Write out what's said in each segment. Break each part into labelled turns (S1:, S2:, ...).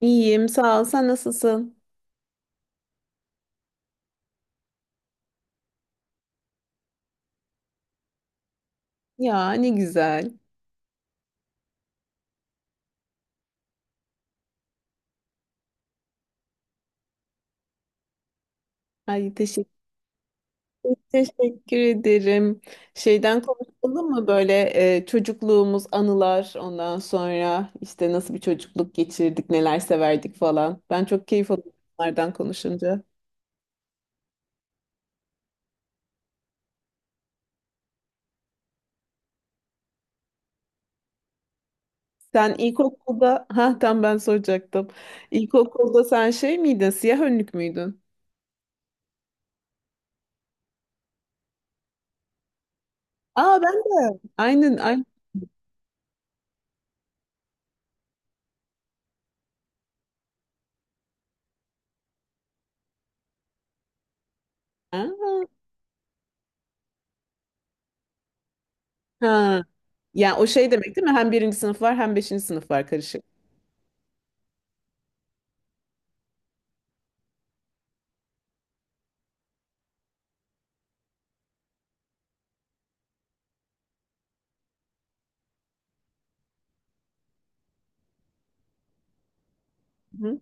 S1: İyiyim, sağ ol. Sen nasılsın? Ya ne güzel. Ay teşekkür, Teşekkür ederim. Şeyden konuşalım mı böyle çocukluğumuz, anılar, ondan sonra işte nasıl bir çocukluk geçirdik, neler severdik falan. Ben çok keyif alıyorum bunlardan konuşunca. Sen ilkokulda, ha tam ben soracaktım. İlkokulda sen şey miydin, siyah önlük müydün? Aa ben de. Aynen, aynen. Ha. Ha. Yani o şey demek değil mi? Hem birinci sınıf var hem beşinci sınıf var karışık. Hı.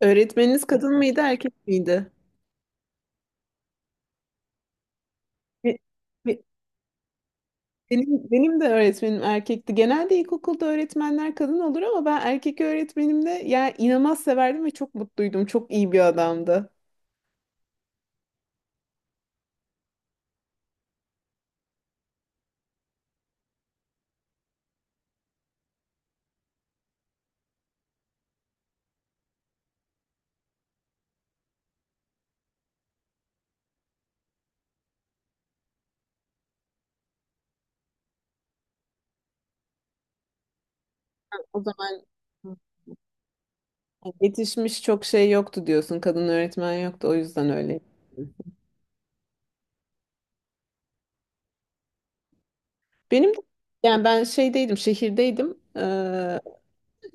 S1: Öğretmeniniz kadın mıydı, erkek miydi? Be- be- benim de öğretmenim erkekti. Genelde ilkokulda öğretmenler kadın olur ama ben erkek öğretmenimde yani inanılmaz severdim ve çok mutluydum. Çok iyi bir adamdı. O zaman yetişmiş çok şey yoktu diyorsun. Kadın öğretmen yoktu. O yüzden öyle. Benim de- Yani ben şeydeydim, şehirdeydim.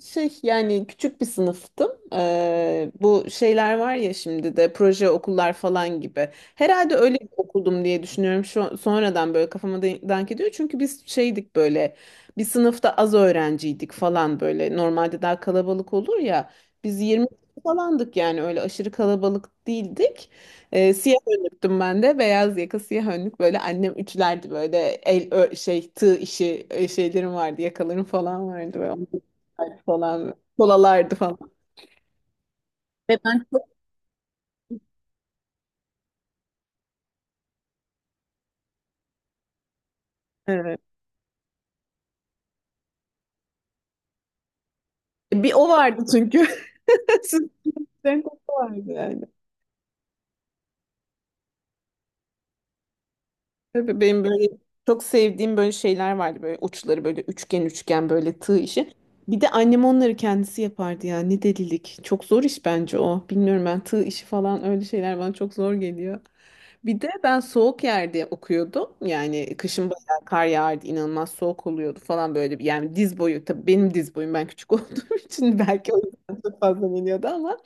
S1: Şey yani küçük bir sınıftım. Bu şeyler var ya şimdi de proje okullar falan gibi. Herhalde öyle bir okuldum diye düşünüyorum. Şu, sonradan böyle kafama dank ediyor. Çünkü biz şeydik böyle bir sınıfta az öğrenciydik falan böyle. Normalde daha kalabalık olur ya. Biz 20 falandık yani öyle aşırı kalabalık değildik. Siyah önlüktüm ben de. Beyaz yaka siyah önlük böyle annem ütülerdi böyle şey tığ işi şeylerim vardı yakalarım falan vardı böyle falan. Kolalardı falan. Ve ben çok. Evet. Bir o vardı çünkü. Sizden koku vardı yani. Tabii benim böyle çok sevdiğim böyle şeyler vardı. Böyle uçları böyle üçgen üçgen böyle tığ işi. Bir de annem onları kendisi yapardı ya. Ne delilik. Çok zor iş bence o. Bilmiyorum ben tığ işi falan öyle şeyler bana çok zor geliyor. Bir de ben soğuk yerde okuyordum. Yani kışın bayağı kar yağardı, inanılmaz soğuk oluyordu falan böyle. Yani diz boyu, tabii benim diz boyum ben küçük olduğum için belki o yüzden çok fazla geliyordu ama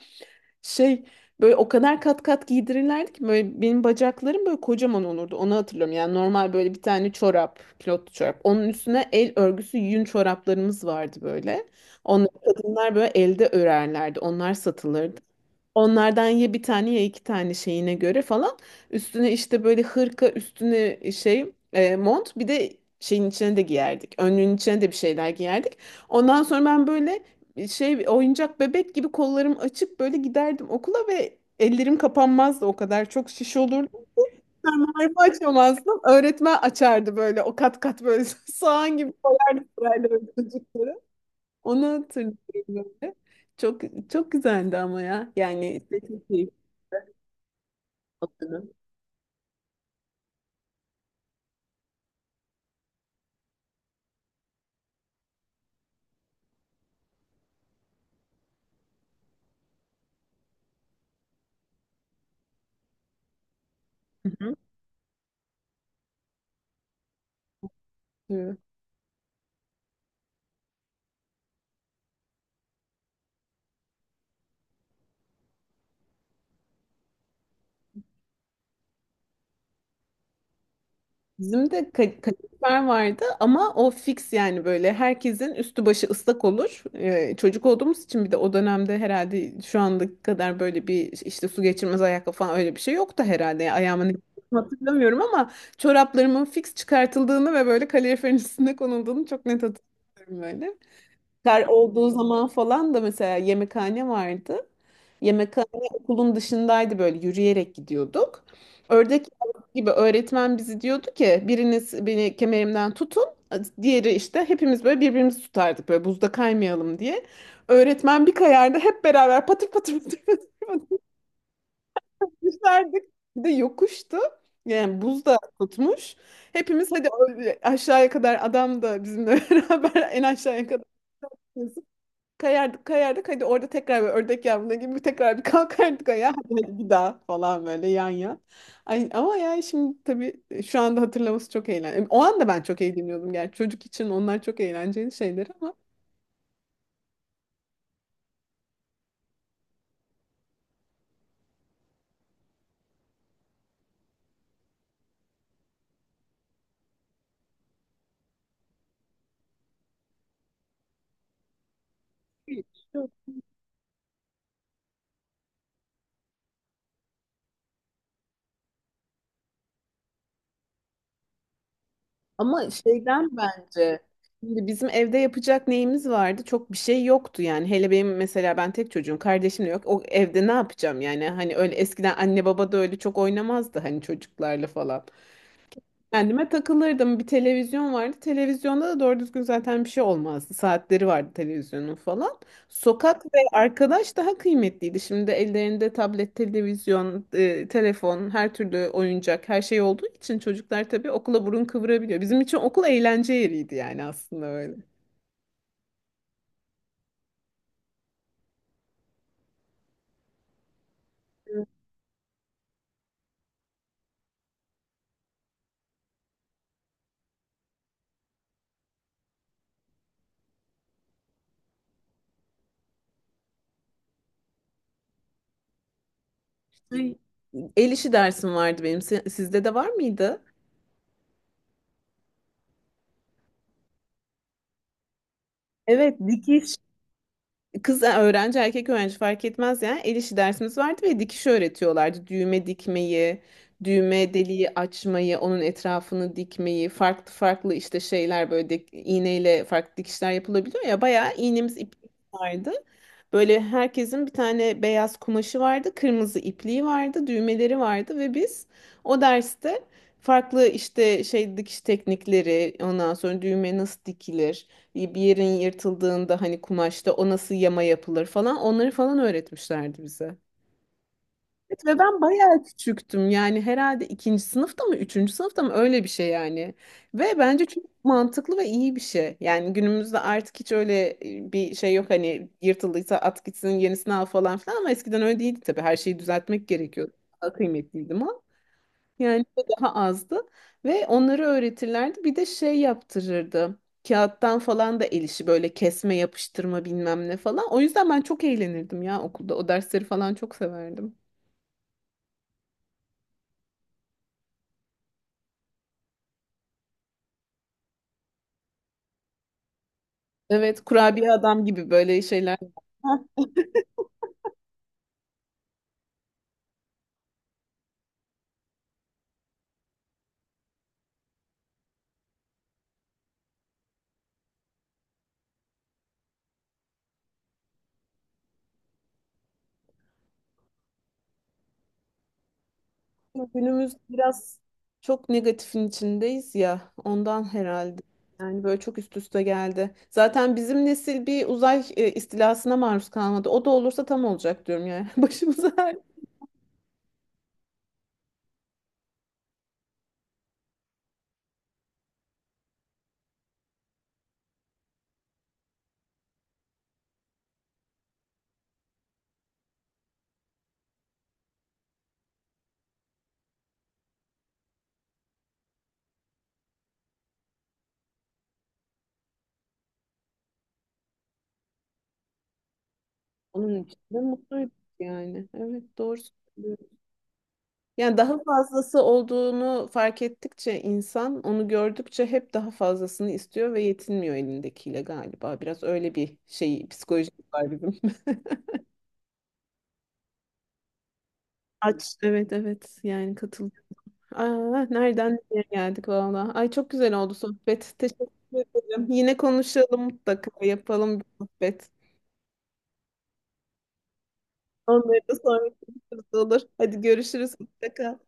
S1: şey böyle o kadar kat kat giydirirlerdi ki böyle benim bacaklarım böyle kocaman olurdu. Onu hatırlıyorum. Yani normal böyle bir tane çorap, pilotlu çorap. Onun üstüne el örgüsü yün çoraplarımız vardı böyle. Onları kadınlar böyle elde örerlerdi. Onlar satılırdı. Onlardan ya bir tane ya iki tane şeyine göre falan. Üstüne işte böyle hırka, üstüne şey mont bir de şeyin içine de giyerdik. Önlüğün içine de bir şeyler giyerdik. Ondan sonra ben böyle şey oyuncak bebek gibi kollarım açık böyle giderdim okula ve ellerim kapanmazdı o kadar çok şiş olurdu. Fermuarımı açamazdım. Öğretmen açardı böyle o kat kat böyle soğan gibi koyardı sırayla böyle çocukları. Onu hatırlıyorum böyle. Çok çok güzeldi ama ya. Yani işte çok keyifli. Anladım. Hı hı. Evet. Bizim de kadifer vardı ama o fix yani böyle herkesin üstü başı ıslak olur. Çocuk olduğumuz için bir de o dönemde herhalde şu andaki kadar böyle bir işte su geçirmez ayakkabı falan öyle bir şey yoktu herhalde. Yani ayağımın hatırlamıyorum ama çoraplarımın fix çıkartıldığını ve böyle kaloriferin üstüne konulduğunu çok net hatırlıyorum böyle. Kar olduğu zaman falan da mesela yemekhane vardı. Yemekhane okulun dışındaydı böyle yürüyerek gidiyorduk. Ördek yavrusu gibi öğretmen bizi diyordu ki biriniz beni kemerimden tutun. Diğeri işte hepimiz böyle birbirimizi tutardık böyle buzda kaymayalım diye. Öğretmen bir kayardı hep beraber patır patır patır patır patır düşerdik. Bir de yokuştu. Yani buz da tutmuş. Hepimiz hadi öyle aşağıya kadar adam da bizimle beraber en aşağıya kadar kayardık kayardık hadi orada tekrar böyle ördek yavruna gibi tekrar bir kalkardık ayağa hadi, hadi bir daha falan böyle yan yan. Ay, ama yani şimdi tabii şu anda hatırlaması çok eğlenceli. O anda ben çok eğleniyordum yani çocuk için onlar çok eğlenceli şeyler ama. Hiç. Ama şeyden bence şimdi bizim evde yapacak neyimiz vardı? Çok bir şey yoktu yani. Hele benim mesela ben tek çocuğum, kardeşim de yok. O evde ne yapacağım yani? Hani öyle eskiden anne baba da öyle çok oynamazdı hani çocuklarla falan. Kendime takılırdım. Bir televizyon vardı. Televizyonda da doğru düzgün zaten bir şey olmazdı. Saatleri vardı televizyonun falan. Sokak ve arkadaş daha kıymetliydi. Şimdi ellerinde tablet, televizyon, telefon, her türlü oyuncak, her şey olduğu için çocuklar tabii okula burun kıvırabiliyor. Bizim için okul eğlence yeriydi yani aslında öyle. Şey, El işi dersim vardı benim. Sizde de var mıydı? Evet, dikiş. Kız öğrenci erkek öğrenci fark etmez yani el işi dersimiz vardı ve dikiş öğretiyorlardı. Düğme dikmeyi, düğme deliği açmayı, onun etrafını dikmeyi, farklı farklı işte şeyler böyle iğneyle farklı dikişler yapılabiliyor ya bayağı iğnemiz ipliğimiz vardı. Böyle herkesin bir tane beyaz kumaşı vardı, kırmızı ipliği vardı, düğmeleri vardı ve biz o derste farklı işte şey dikiş teknikleri, ondan sonra düğme nasıl dikilir bir yerin yırtıldığında hani kumaşta o nasıl yama yapılır falan onları falan öğretmişlerdi bize. Evet, ve ben bayağı küçüktüm yani herhalde ikinci sınıfta mı üçüncü sınıfta mı öyle bir şey yani. Ve bence çok mantıklı ve iyi bir şey. Yani günümüzde artık hiç öyle bir şey yok hani yırtıldıysa at gitsin yenisini al falan filan ama eskiden öyle değildi tabii her şeyi düzeltmek gerekiyordu. Daha kıymetliydi yani bu daha azdı ve onları öğretirlerdi. Bir de şey yaptırırdı. Kağıttan falan da el işi böyle kesme, yapıştırma bilmem ne falan. O yüzden ben çok eğlenirdim ya okulda. O dersleri falan çok severdim. Evet, kurabiye adam gibi böyle şeyler. Günümüz biraz çok negatifin içindeyiz ya. Ondan herhalde. Yani böyle çok üst üste geldi. Zaten bizim nesil bir uzay istilasına maruz kalmadı. O da olursa tam olacak diyorum yani. Başımıza her onun için de mutluyduk yani. Evet doğru söylüyorum. Yani daha fazlası olduğunu fark ettikçe insan onu gördükçe hep daha fazlasını istiyor ve yetinmiyor elindekiyle galiba. Biraz öyle bir şey psikolojik var bizim. Aç. Evet evet yani katılıyorum. Aa, nereden nereye geldik valla. Ay çok güzel oldu sohbet. Teşekkür ederim. Yine konuşalım mutlaka yapalım bir sohbet. Onları da sonra konuşuruz olur. Hadi görüşürüz mutlaka.